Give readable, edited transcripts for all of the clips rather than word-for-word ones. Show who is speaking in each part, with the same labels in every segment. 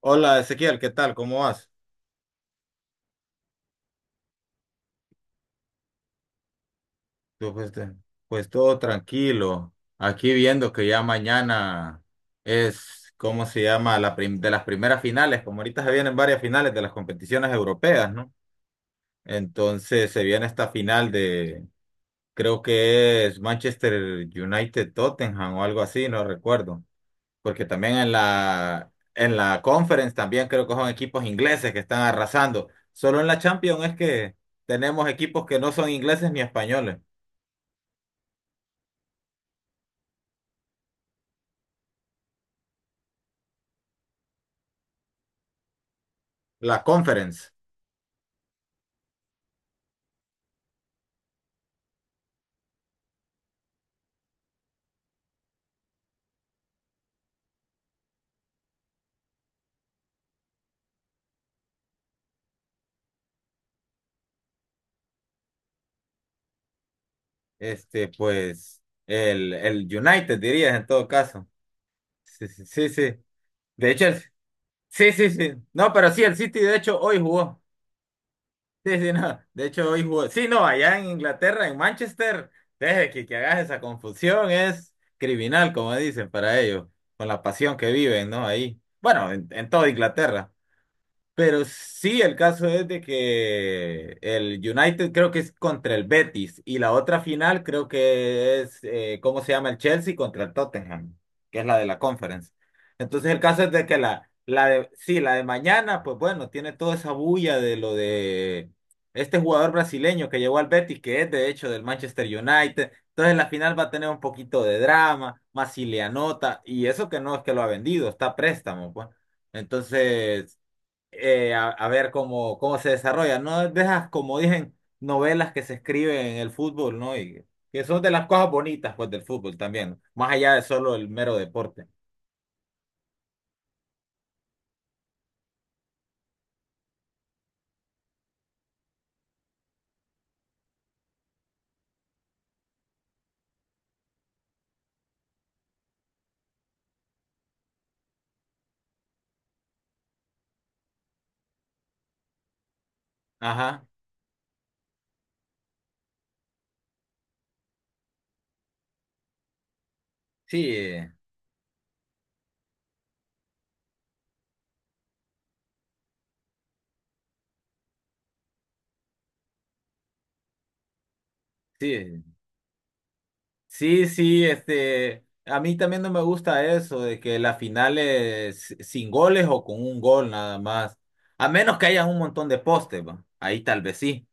Speaker 1: Hola Ezequiel, ¿qué tal? ¿Cómo vas? Tú, pues todo tranquilo. Aquí viendo que ya mañana es, ¿cómo se llama? De las primeras finales, como ahorita se vienen varias finales de las competiciones europeas, ¿no? Entonces se viene esta final de, creo que es Manchester United Tottenham o algo así, no recuerdo. Porque también en la Conference también creo que son equipos ingleses que están arrasando. Solo en la Champions es que tenemos equipos que no son ingleses ni españoles. La Conference, pues el United dirías en todo caso. Sí, sí, sí, sí. De hecho, sí, sí, sí. No, pero sí, el City de hecho hoy jugó. Sí, sí, no. De hecho, hoy jugó. Sí, no, allá en Inglaterra, en Manchester, deje que hagas esa confusión, es criminal, como dicen para ellos, con la pasión que viven, ¿no? Ahí. Bueno, en toda Inglaterra. Pero sí, el caso es de que el United creo que es contra el Betis y la otra final creo que es, ¿cómo se llama? El Chelsea contra el Tottenham, que es la de la Conference. Entonces el caso es de que la de, sí, la de mañana, pues bueno, tiene toda esa bulla de lo de este jugador brasileño que llegó al Betis, que es de hecho del Manchester United. Entonces la final va a tener un poquito de drama, más si le anota, y eso que no es que lo ha vendido, está a préstamo, pues. Entonces a ver cómo se desarrolla. No dejas, como dicen, novelas que se escriben en el fútbol, ¿no? Y que son de las cosas bonitas, pues, del fútbol también, más allá de solo el mero deporte. Ajá, sí, sí, sí, sí, a mí también no me gusta eso de que las finales sin goles o con un gol nada más, a menos que haya un montón de postes, va. Ahí tal vez sí.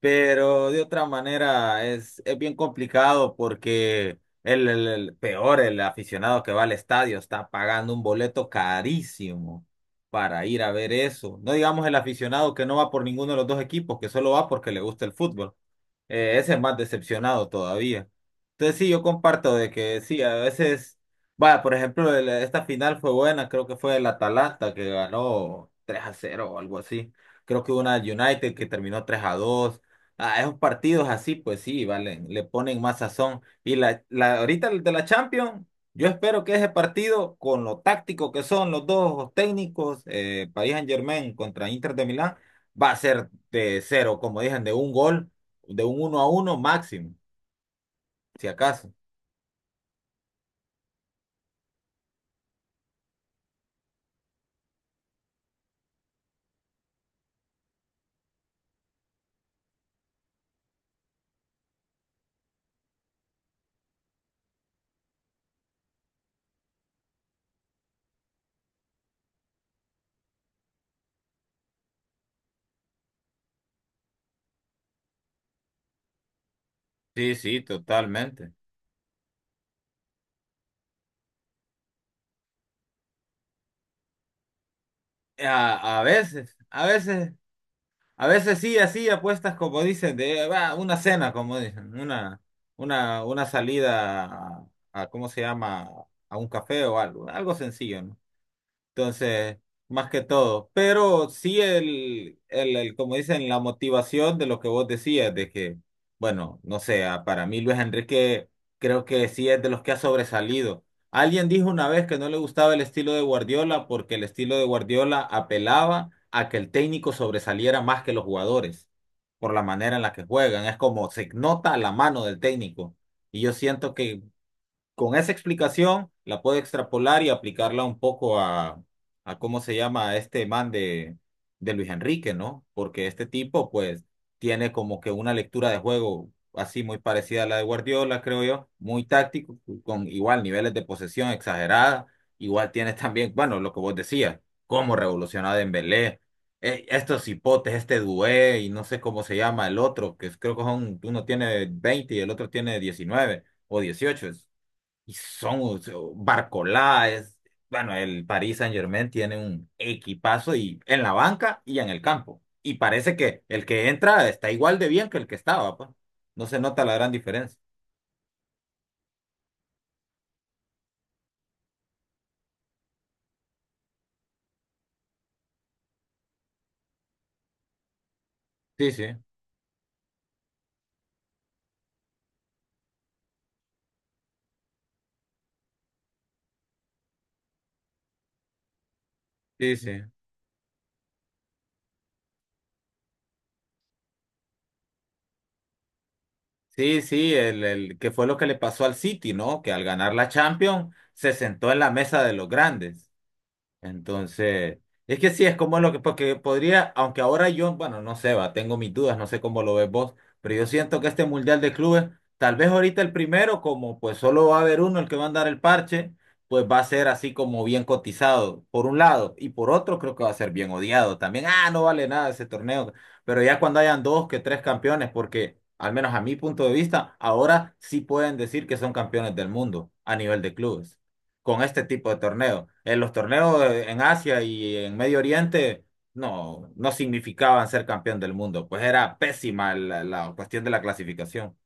Speaker 1: Pero de otra manera es, bien complicado porque el peor, el aficionado que va al estadio está pagando un boleto carísimo para ir a ver eso. No digamos el aficionado que no va por ninguno de los dos equipos, que solo va porque le gusta el fútbol. Ese es más decepcionado todavía. Entonces sí, yo comparto de que sí, a veces, vaya, por ejemplo, esta final fue buena, creo que fue el Atalanta que ganó 3-0 o algo así. Creo que una United que terminó 3-2. Ah, esos partidos así, pues sí, valen, le ponen más sazón. Y ahorita el de la Champions, yo espero que ese partido, con lo táctico que son los dos técnicos, Paris Saint-Germain contra Inter de Milán, va a ser de cero, como dicen, de un gol de un 1-1 máximo, si acaso. Sí, sí, totalmente. A, a veces, a veces, a veces sí, así apuestas como dicen, de va, una cena, como dicen, una salida ¿cómo se llama? A un café o algo sencillo, ¿no? Entonces, más que todo. Pero sí como dicen, la motivación de lo que vos decías, de que, bueno, no sé, para mí Luis Enrique creo que sí es de los que ha sobresalido. Alguien dijo una vez que no le gustaba el estilo de Guardiola porque el estilo de Guardiola apelaba a que el técnico sobresaliera más que los jugadores por la manera en la que juegan. Es como se nota la mano del técnico. Y yo siento que con esa explicación la puedo extrapolar y aplicarla un poco a cómo se llama a este man de Luis Enrique, ¿no? Porque este tipo, pues, tiene como que una lectura de juego así muy parecida a la de Guardiola, creo yo, muy táctico, con igual niveles de posesión exagerada, igual tienes también, bueno, lo que vos decías, cómo revolucionar a Dembélé, este Dué y no sé cómo se llama el otro, que creo que son, uno tiene 20 y el otro tiene 19 o 18. Y son o sea, Barcolá, es, bueno, el Paris Saint-Germain tiene un equipazo y en la banca y en el campo. Y parece que el que entra está igual de bien que el que estaba, pues. No se nota la gran diferencia. Sí, sí, sí, sí. Sí, sí, el que fue lo que le pasó al City, ¿no? Que al ganar la Champions se sentó en la mesa de los grandes. Entonces, es que sí, es como lo que, porque podría, aunque ahora yo, bueno, no sé, va, tengo mis dudas, no sé cómo lo ves vos, pero yo siento que este Mundial de Clubes, tal vez ahorita el primero, como pues solo va a haber uno el que va a andar el parche, pues va a ser así como bien cotizado, por un lado, y por otro creo que va a ser bien odiado también, no vale nada ese torneo, pero ya cuando hayan dos que tres campeones, porque al menos a mi punto de vista, ahora sí pueden decir que son campeones del mundo a nivel de clubes con este tipo de torneos. En los torneos en Asia y en Medio Oriente no, no significaban ser campeón del mundo, pues era pésima la cuestión de la clasificación.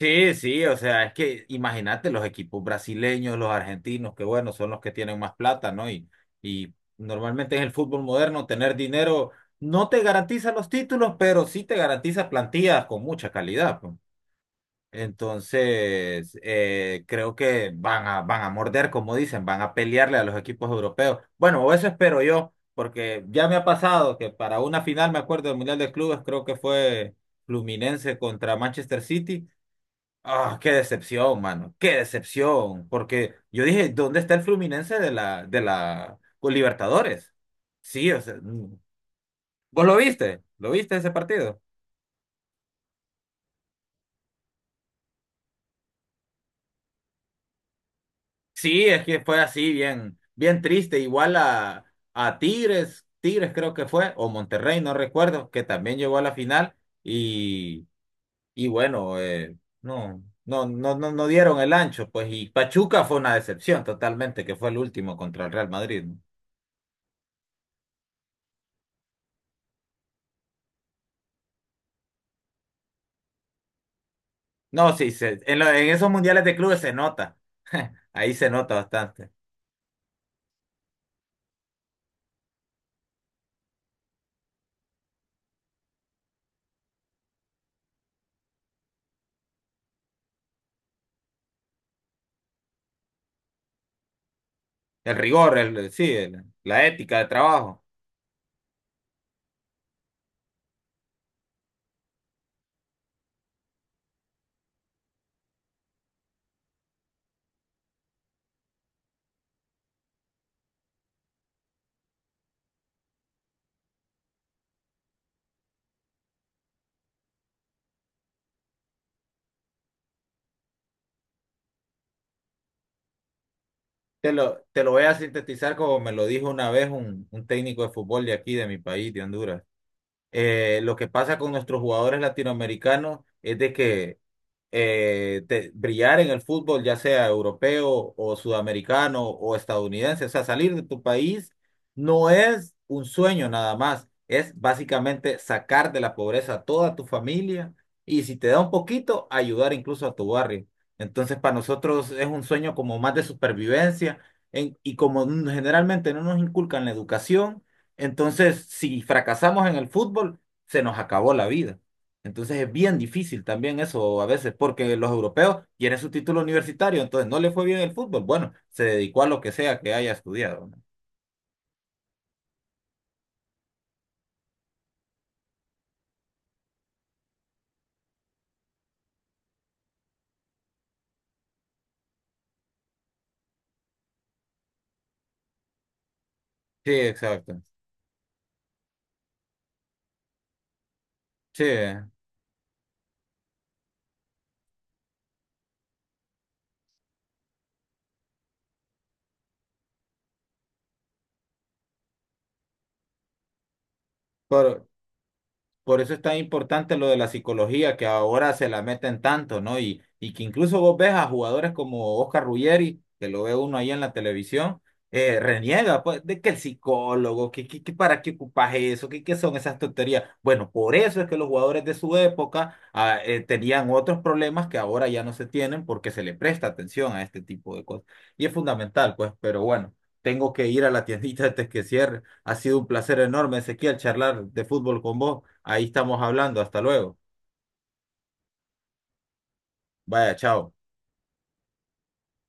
Speaker 1: Sí, sí, o sea, es que imagínate los equipos brasileños, los argentinos, que bueno, son los que tienen más plata, ¿no? Y normalmente en el fútbol moderno tener dinero no te garantiza los títulos, pero sí te garantiza plantillas con mucha calidad, pues. Entonces, creo que van a morder, como dicen, van a pelearle a los equipos europeos. Bueno, o eso espero yo, porque ya me ha pasado que para una final, me acuerdo del Mundial de Clubes, creo que fue Fluminense contra Manchester City. Ah, qué decepción, mano, qué decepción, porque yo dije, ¿dónde está el Fluminense de la con Libertadores? Sí, o sea, mm. ¿Vos lo viste? ¿Lo viste ese partido? Sí, es que fue así, bien, bien triste. Igual a Tigres, creo que fue, o Monterrey, no recuerdo, que también llegó a la final y, y bueno, no, no, no, no, no dieron el ancho, pues, y Pachuca fue una decepción totalmente, que fue el último contra el Real Madrid. No, no, sí, en esos mundiales de clubes se nota, ahí se nota bastante. El rigor, sí, la ética de trabajo. Te lo voy a sintetizar como me lo dijo una vez un técnico de fútbol de aquí, de mi país, de Honduras. Lo que pasa con nuestros jugadores latinoamericanos es de que brillar en el fútbol, ya sea europeo o sudamericano o estadounidense. O sea, salir de tu país no es un sueño nada más, es básicamente sacar de la pobreza a toda tu familia y si te da un poquito, ayudar incluso a tu barrio. Entonces, para nosotros es un sueño como más de supervivencia y como generalmente no nos inculcan la educación, entonces si fracasamos en el fútbol, se nos acabó la vida. Entonces es bien difícil también eso a veces, porque los europeos quieren su título universitario, entonces no le fue bien el fútbol. Bueno, se dedicó a lo que sea que haya estudiado, ¿no? Sí, exacto. Sí, por eso es tan importante lo de la psicología, que ahora se la meten tanto, ¿no? Y que incluso vos ves a jugadores como Oscar Ruggeri, que lo ve uno ahí en la televisión, reniega, pues, de que el psicólogo, que para qué ocupas eso, que qué son esas tonterías. Bueno, por eso es que los jugadores de su época tenían otros problemas que ahora ya no se tienen porque se le presta atención a este tipo de cosas. Y es fundamental, pues, pero bueno. Tengo que ir a la tiendita antes que cierre. Ha sido un placer enorme, Ezequiel, charlar de fútbol con vos. Ahí estamos hablando. Hasta luego. Vaya, chao.